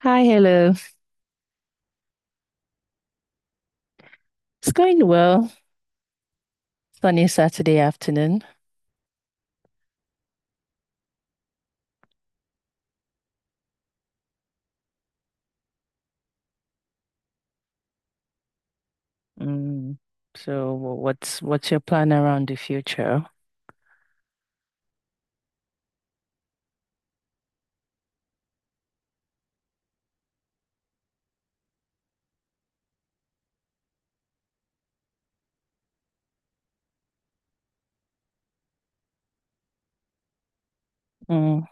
Hi, hello. It's going well. Sunny Saturday afternoon. Mm. So what's your plan around the future? Mm,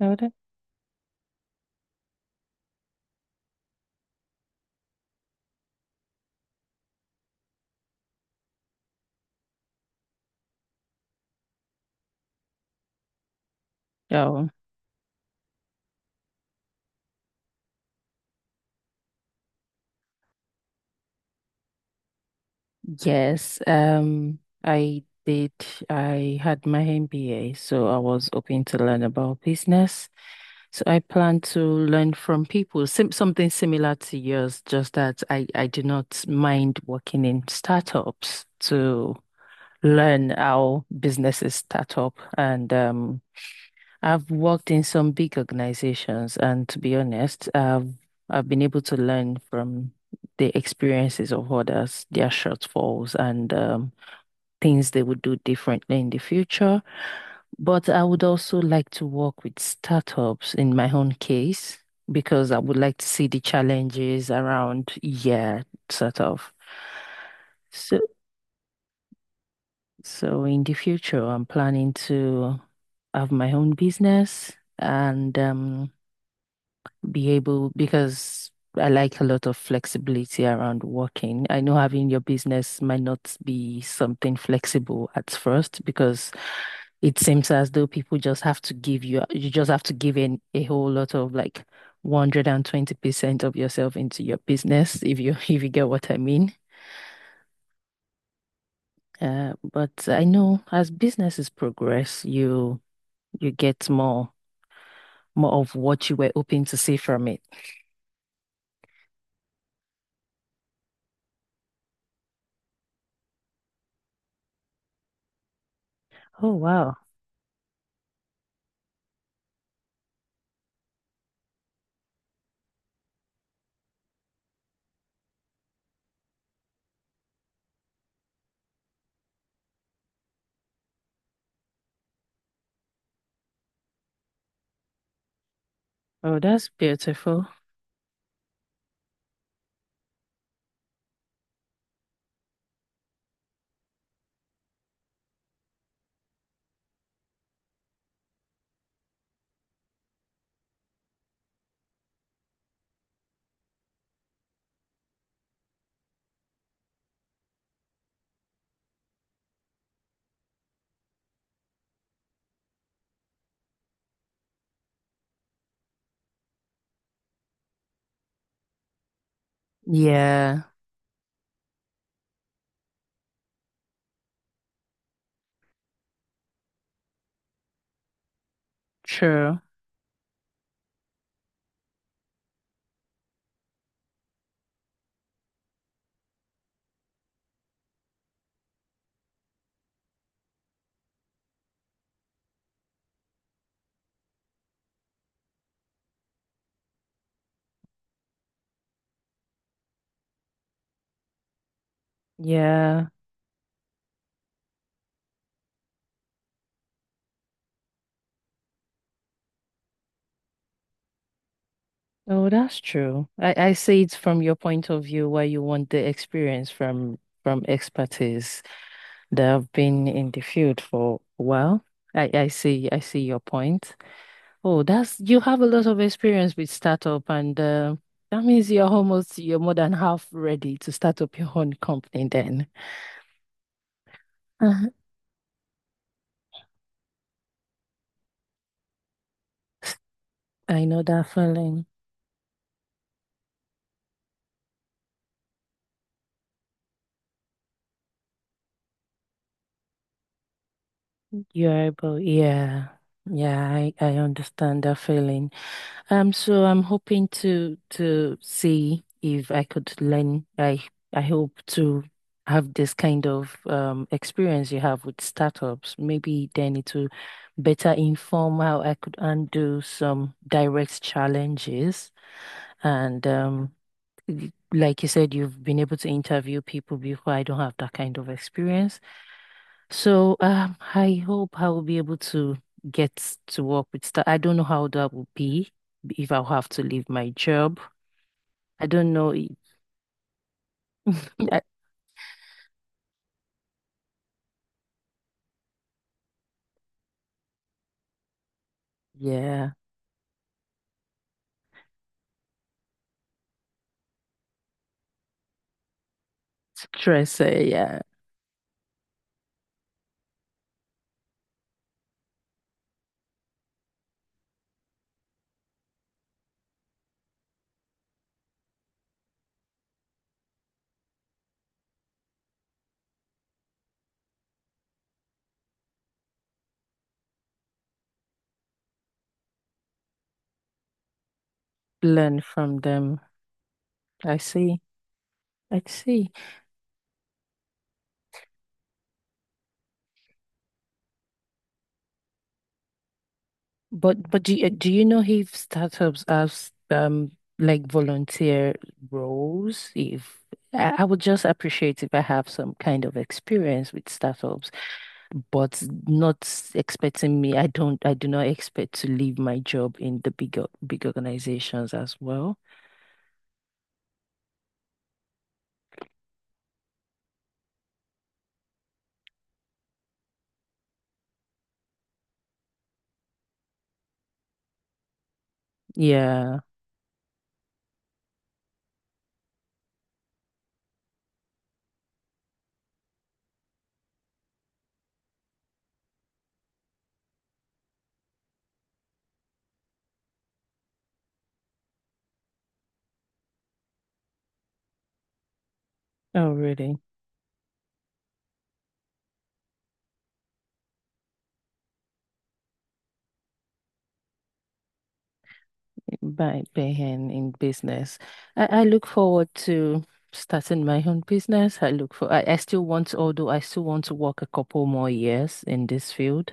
how would Oh, yes. I did. I had my MBA, so I was open to learn about business. So I plan to learn from people, sim something similar to yours, just that I do not mind working in startups to learn how businesses start up. And I've worked in some big organizations, and to be honest, I've been able to learn from the experiences of others, their shortfalls, and things they would do differently in the future. But I would also like to work with startups in my own case because I would like to see the challenges around, yeah, sort of. So, so, in the future, I'm planning to have my own business and be able because I like a lot of flexibility around working. I know having your business might not be something flexible at first because it seems as though people just have to give you, you just have to give in a whole lot of like 120% of yourself into your business, if you if you get what I mean. But I know as businesses progress, you get more of what you were hoping to see from it. Oh wow. Oh, that's beautiful. Yeah, true. Yeah. Oh, that's true. I see it from your point of view where you want the experience from expertise. They have been in the field for a while. I see your point. Oh, that's you have a lot of experience with startup, and that means you're more than half ready to start up your own company then. uh I know that feeling. You're able, yeah, yeah, I understand that feeling. So I'm hoping to see if I could learn. I hope to have this kind of experience you have with startups. Maybe then it will better inform how I could undo some direct challenges. And like you said, you've been able to interview people before. I don't have that kind of experience. I hope I will be able to get to work with that. I don't know how that will be if I'll have to leave my job. I don't know. I- Yeah, stress. Yeah, learn from them. I see. I see. But do you know if startups have like volunteer roles? If I would just appreciate if I have some kind of experience with startups, but not expecting me. I do not expect to leave my job in the bigger, big organizations as well. Yeah. Oh, really? By being in business. I look forward to starting my own business. I still want, although I still want to work a couple more years in this field,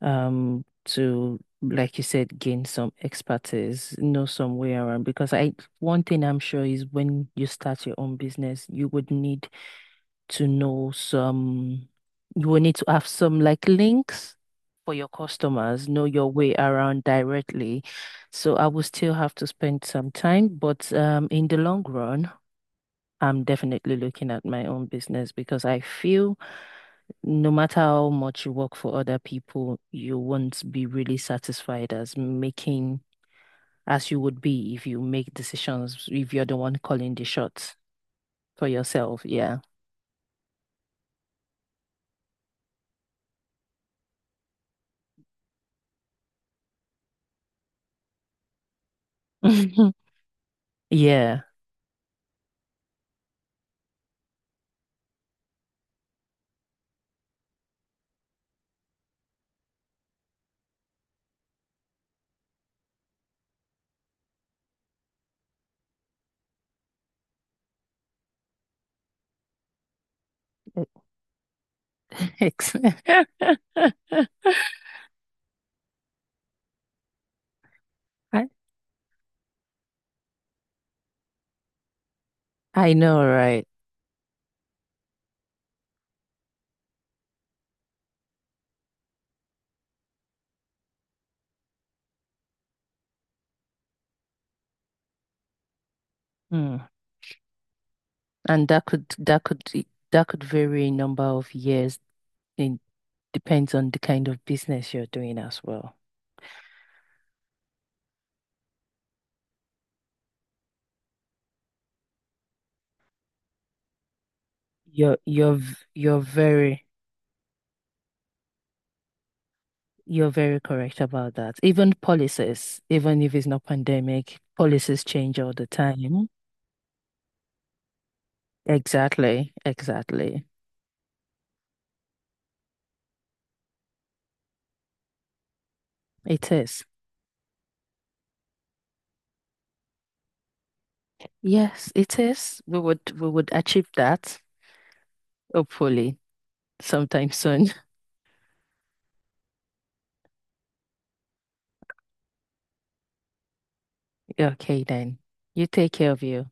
um, to, like you said, gain some expertise, know some way around. One thing I'm sure is when you start your own business, to know some, you will need to have some like links for your customers, know your way around directly. So I will still have to spend some time, but in the long run, I'm definitely looking at my own business because I feel no matter how much you work for other people, you won't be really satisfied as you would be if you make decisions, if you're the one calling the shots for yourself. Yeah. Yeah. Ex- I, I know, right? Mm. And that could vary in number of years. It depends on the kind of business you're doing as well. You're you're v- you're very you're very correct about that. Even policies, even if it's not pandemic, policies change all the time. Exactly, exactly. It is. Yes, it is. We would achieve that, hopefully, sometime soon. Okay then. You take care of you.